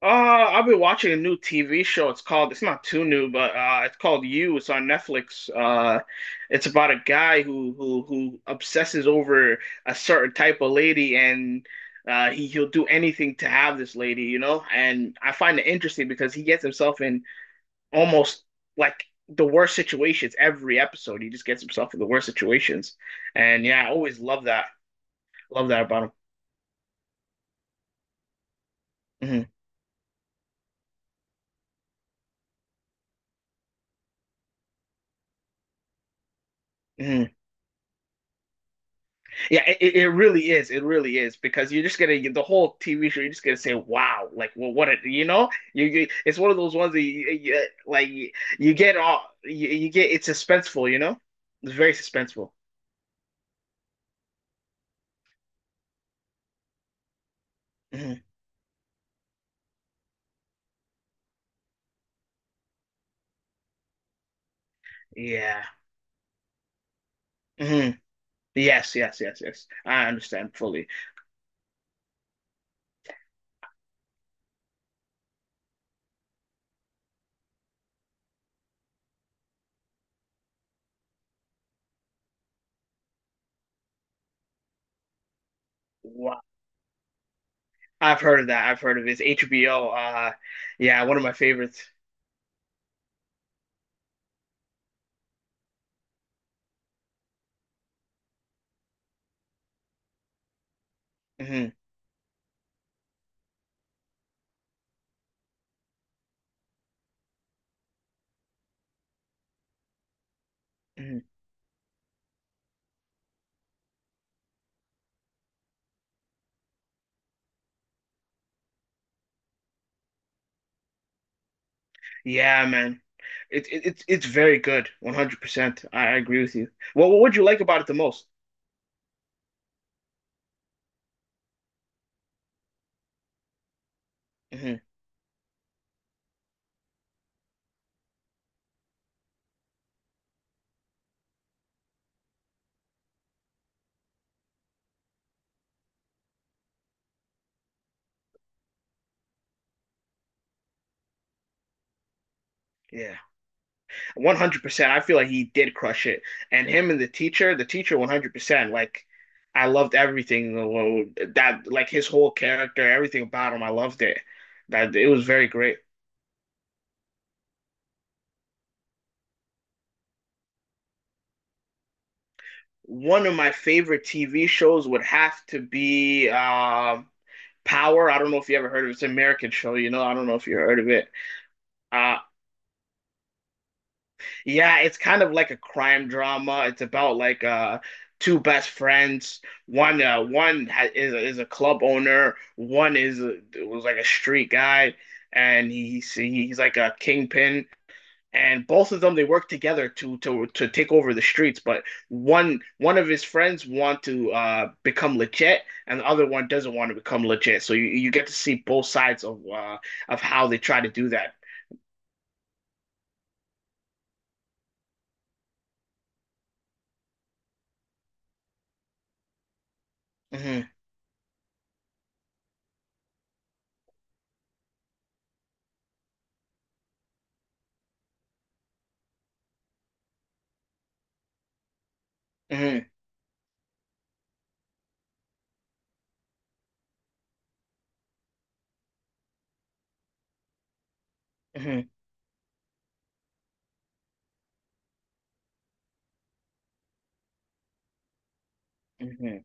I've been watching a new TV show. It's not too new, but it's called You. It's on Netflix. It's about a guy who obsesses over a certain type of lady, and he'll do anything to have this lady. And I find it interesting because he gets himself in almost like the worst situations every episode. He just gets himself in the worst situations, and yeah, I always love that. Love that about him. Hmm. Yeah, it really is. It really is because you're just gonna the whole TV show. You're just gonna say, "Wow!" Like, well, what a you know, you it's one of those ones that you like you get all you get. It's suspenseful. It's very suspenseful. Hmm. Yeah. Hmm. Yes, yes, yes, yes. I understand fully. Wow. I've heard of that. I've heard of it. It's HBO. Yeah, one of my favorites. Hmm. Hmm. Yeah, man. It's very good. 100%. I agree with you. Well, what would you like about it the most? Hmm. Yeah, 100%. I feel like he did crush it, and him and the teacher, 100%. Like, I loved everything that, like his whole character, everything about him. I loved it. That it was very great. One of my favorite TV shows would have to be Power. I don't know if you ever heard of it. It's an American show. I don't know if you heard of it. Uh, Yeah, it's kind of like a crime drama. It's about like two best friends. One one ha is a club owner. One was like a street guy, and he's like a kingpin. And both of them they work together to take over the streets. But one of his friends want to become legit, and the other one doesn't want to become legit. So you get to see both sides of how they try to do that. Hmm. Hmm. Hmm. Hmm.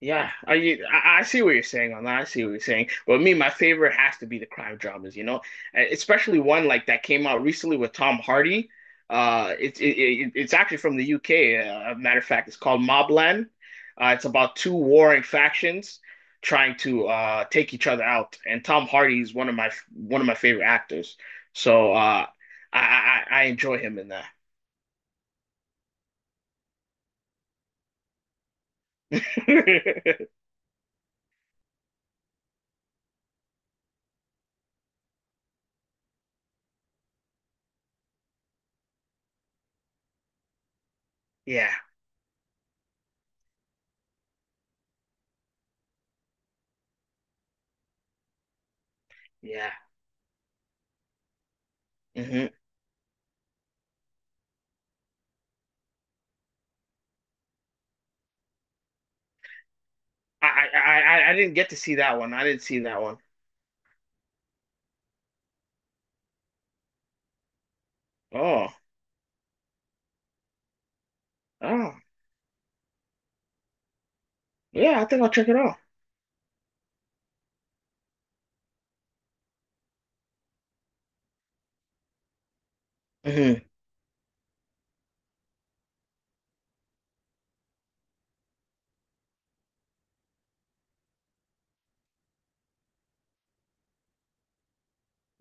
Yeah, I see what you're saying on that. I see what you're saying. Well, me, my favorite has to be the crime dramas, especially one like that came out recently with Tom Hardy. It's actually from the UK. A matter of fact, it's called Mobland. It's about two warring factions trying to take each other out, and Tom Hardy is one of my favorite actors. So I enjoy him in that. Yeah, yeah. Mhm. I, I I didn't get to see that one. I didn't see that one. Oh, oh, yeah. I think I'll check it out. Mm-hmm.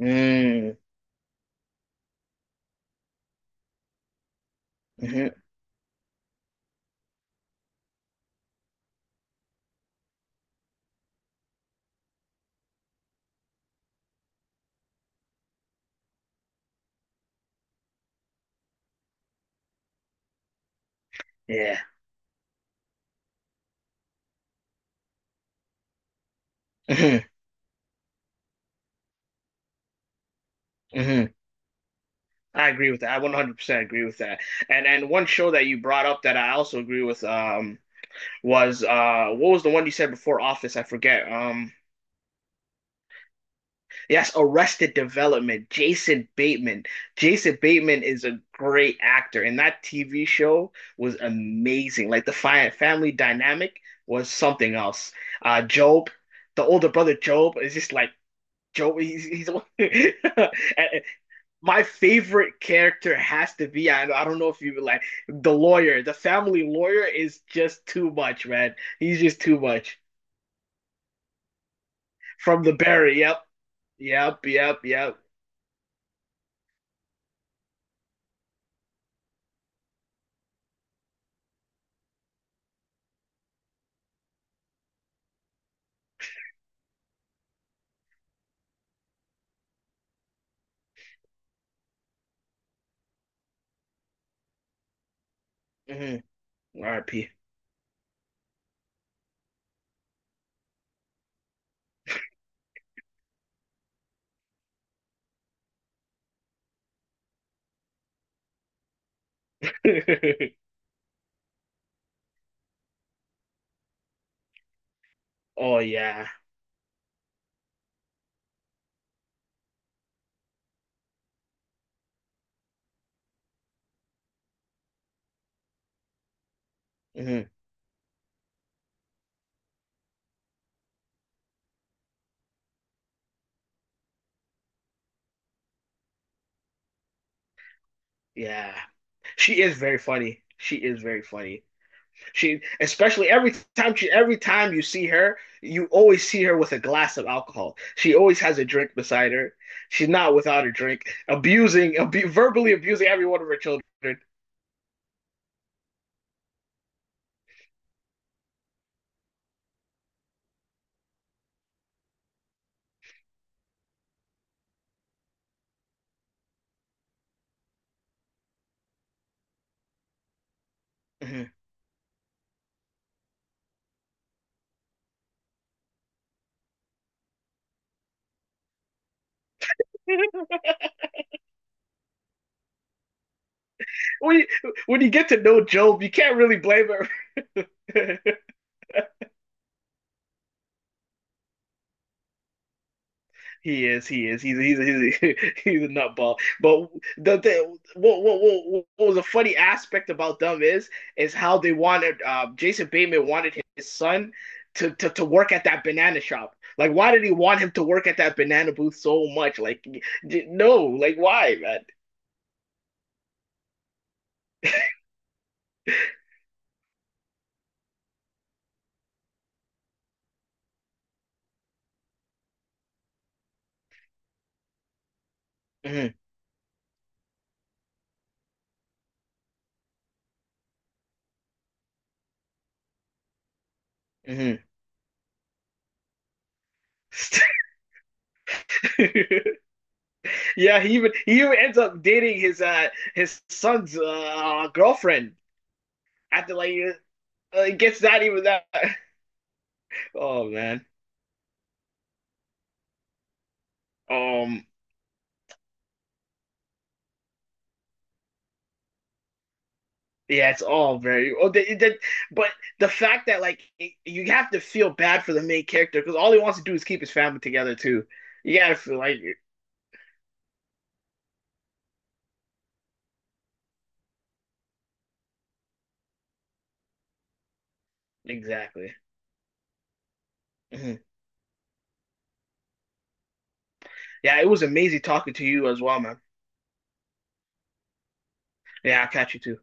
Mm-hmm. Hmm. Yeah. Hmm. Hmm. I agree with that. I 100% agree with that. And one show that you brought up that I also agree with was what was the one you said before Office? I forget. Yes, Arrested Development, Jason Bateman. Jason Bateman is a great actor, and that TV show was amazing. Like the fi family dynamic was something else. Job, the older brother Job, is just like Job. He's. And my favorite character has to be. I don't know if you would like the lawyer. The family lawyer is just too much, man. He's just too much. From the Barry. Yep, yep, yep, yep. Hmm. R.I.P. Oh yeah. Hmm. Yeah. She is very funny. She is very funny. She especially every time you see her, you always see her with a glass of alcohol. She always has a drink beside her. She's not without a drink, abusing, abu verbally abusing every one of her children. Mhm. When you, when you get to know Job, you can't really blame her. He is. He is. He's a he's a nutball. But the what was a funny aspect about them is how they wanted Jason Bateman wanted his son to work at that banana shop. Like, why did he want him to work at that banana booth so much? Like, no. Like, why, man? Mm-hmm, mm-hmm. Yeah, he even ends up dating his son's girlfriend after like gets that even that. Oh man. Um, yeah, it's all very. Oh, but the fact that like you have to feel bad for the main character because all he wants to do is keep his family together too. You gotta feel like exactly. Mhm. Yeah, it was amazing talking to you as well, man. Yeah, I'll catch you too.